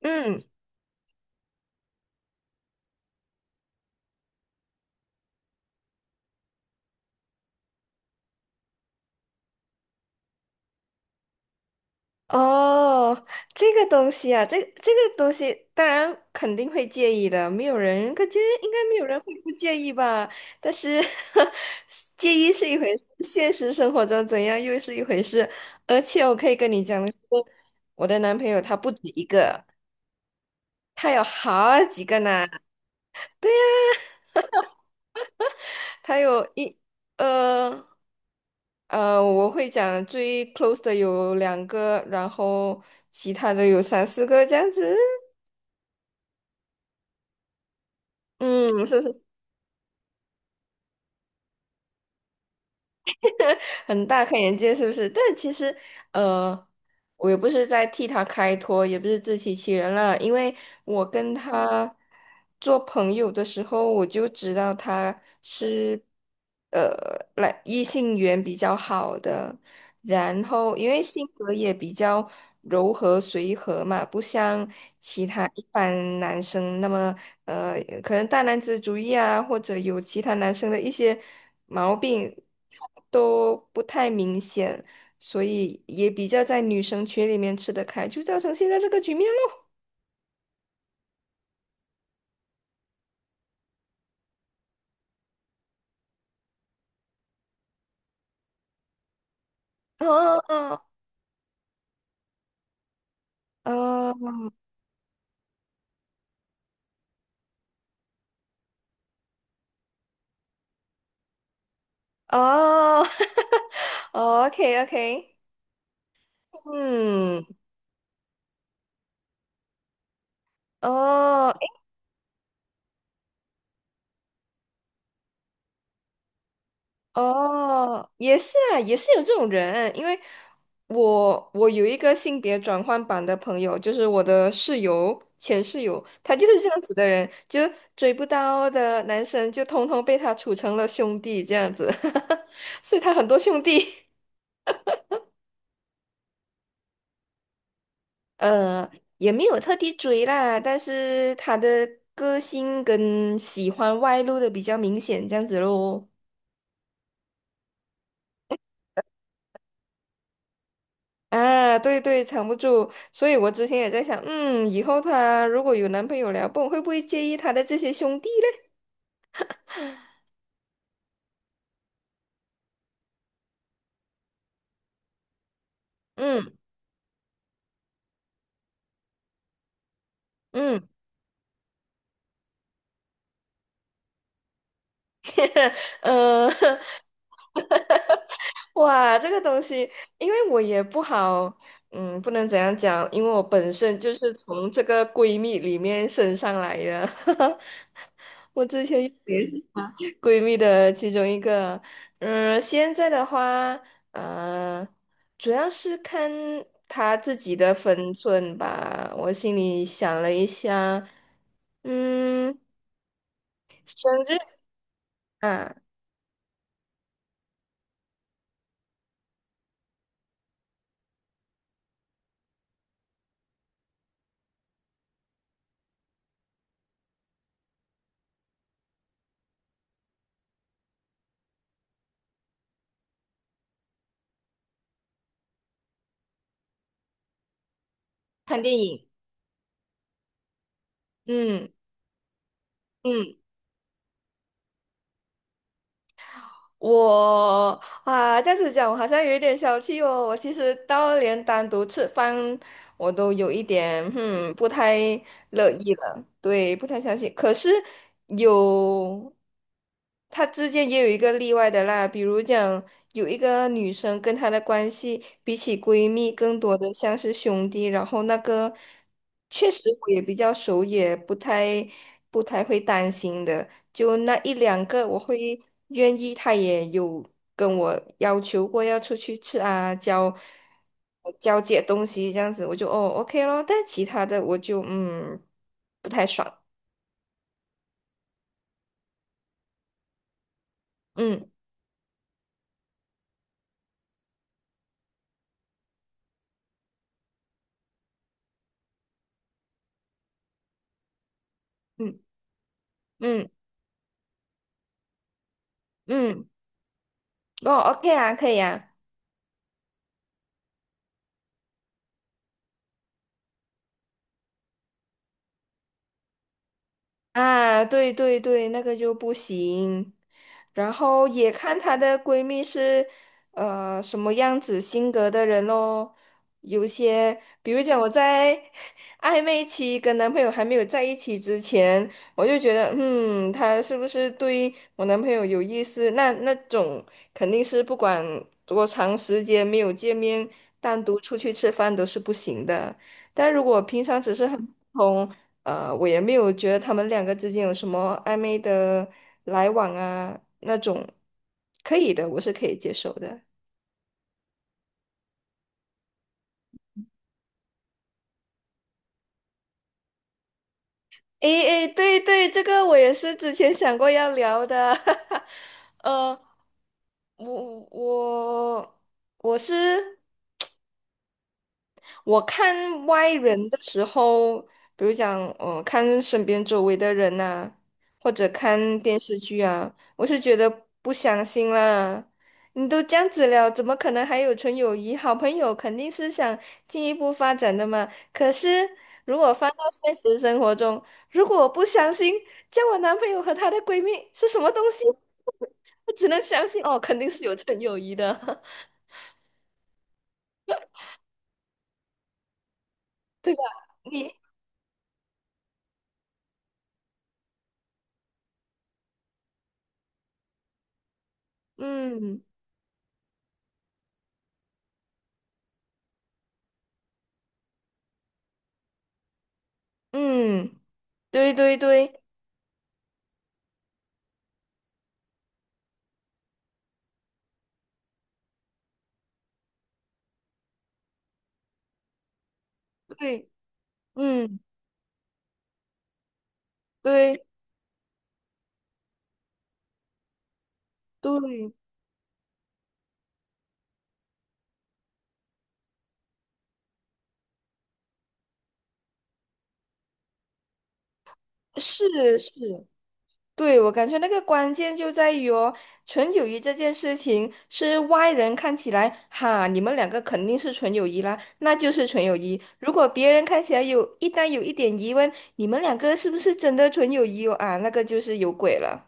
嗯，哦，这个东西啊，这个东西当然肯定会介意的，没有人，感觉应该没有人会不介意吧？但是 介意是一回事，现实生活中怎样又是一回事。而且我可以跟你讲的是，我的男朋友他不止一个，他有好几个呢，他有一呃呃，我会讲最 close 的有两个，然后其他的有三四个这样子。嗯，是不是。很大开眼界，是不是？但其实，呃，我也不是在替他开脱，也不是自欺欺人啦，因为我跟他做朋友的时候，我就知道他是呃，来异性缘比较好的，然后因为性格也比较柔和随和嘛，不像其他一般男生那么可能大男子主义啊，或者有其他男生的一些毛病都不太明显。所以也比较在女生群里面吃得开，就造成现在这个局面咯。哦哦 哦哦，OK OK，嗯，哦诶哦，也是啊，也是有这种人，因为我有一个性别转换版的朋友，就是我的室友。前室友，他就是这样子的人，就追不到的男生，就通通被他处成了兄弟这样子，所以他很多兄弟。呃，也没有特地追啦，但是她的个性跟喜欢外露的比较明显，这样子咯。啊，对对，藏不住，所以我之前也在想，嗯，以后她如果有男朋友了，不懂会不会介意她的这些兄弟嘞？嗯嗯，呃，哇，这个东西，因为我也不好，嗯，不能怎样讲，因为我本身就是从这个闺蜜里面升上来的，也闺蜜的其中一个。嗯，现在的话，呃，主要是看她自己的分寸吧。我心里想了一下，嗯，生日啊，看电影，嗯嗯。我啊，这样子讲，我好像有一点小气哦。我其实到连单独吃饭，我都有一点，嗯，不太乐意了。对，不太相信。可是有，他之间也有一个例外的啦，比如讲有一个女生跟她的关系比起闺蜜更多的像是兄弟，然后那个确实我也比较熟，也不太会担心的，就那一两个我会愿意，她也有跟我要求过要出去吃啊，我交接东西这样子，我就哦 OK 咯，但其他的我就嗯不太爽，嗯嗯嗯嗯，哦 OK 啊，可以啊。啊，对对对，那个就不行。然后也看她的闺蜜是什么样子性格的人咯。有些，比如讲我在 暧昧期跟男朋友还没有在一起之前，我就觉得，嗯，他是不是对我男朋友有意思？那种肯定是不管多长时间没有见面，单独出去吃饭都是不行的。但如果平常只是很普通。我也没有觉得他们两个之间有什么暧昧的来往啊，那种可以的，我是可以接受的。诶诶，对对，这个我也是之前想过要聊的，呃，我我我是。我看外人的时候，比如讲，看身边周围的人呐、或者看电视剧啊，我是觉得不相信啦。你都这样子了，怎么可能还有纯友谊？好朋友肯定是想进一步发展的嘛。可是如果放到现实生活中，如果我不相信，叫我男朋友和她的闺蜜是什么东西，我只能相信哦，肯定是有纯友谊的，对吧？你，嗯嗯。对对对对，嗯，对对，是是，对，我感觉那个关键就在于哦，纯友谊这件事情是外人看起来，哈，你们两个肯定是纯友谊啦，那就是纯友谊。如果别人看起来有一旦有一点疑问，你们两个是不是真的纯友谊哦？啊，那个就是有鬼了。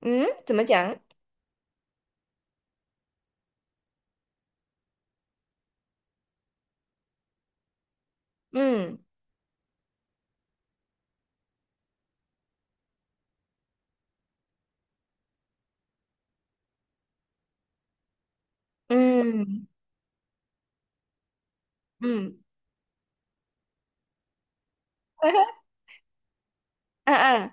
嗯，怎么讲？嗯嗯嗯，嗯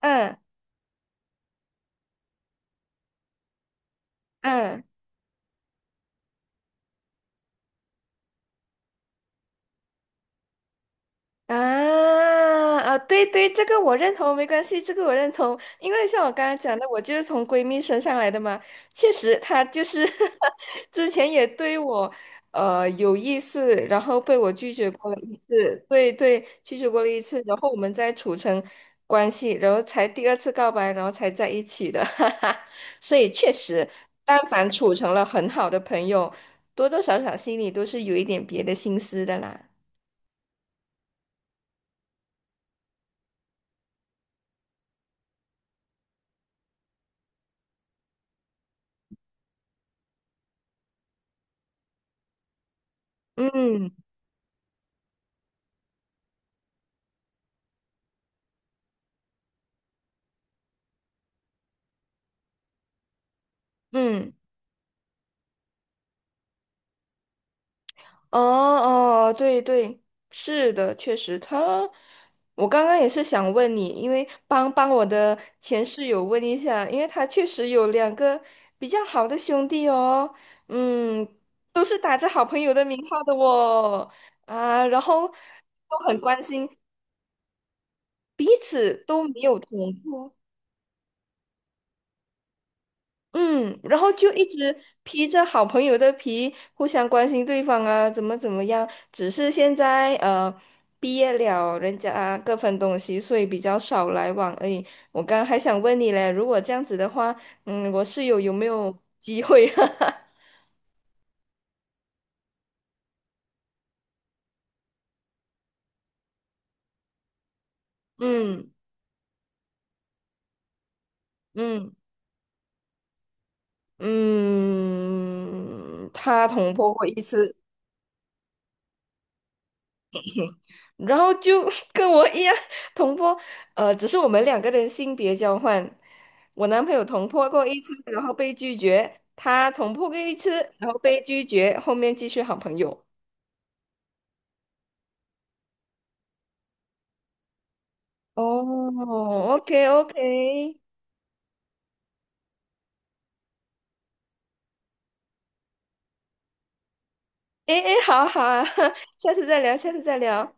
嗯嗯嗯。啊啊，对对，这个我认同，没关系，这个我认同，因为像我刚刚讲的，我就是从闺蜜身上来的嘛，确实，她就是 之前也对我有意思，然后被我拒绝过了一次，对对，拒绝过了一次，然后我们再处成关系，然后才第二次告白，然后才在一起的，哈哈，所以确实，但凡处成了很好的朋友，多多少少心里都是有一点别的心思的啦，嗯嗯。哦哦，对对，是的，确实他，我刚刚也是想问你，因为帮帮我的前室友问一下，因为他确实有两个比较好的兄弟哦，嗯，都是打着好朋友的名号的哦，啊，然后都很关心，彼此都没有捅破嗯，然后就一直披着好朋友的皮，互相关心对方啊，怎么怎么样。只是现在毕业了，人家啊各分东西，所以比较少来往而已。我刚还想问你嘞，如果这样子的话，嗯，我室友有没有机会？嗯嗯嗯，他捅破过一次。然后就 跟我一样同坡，只是我们两个人性别交换。我男朋友同坡过一次，然后被拒绝；他同坡过一次，然后被拒绝，后面继续好朋友。哦，OK OK，哎哎诶，好好啊，下次再聊，下次再聊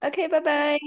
，OK，拜拜。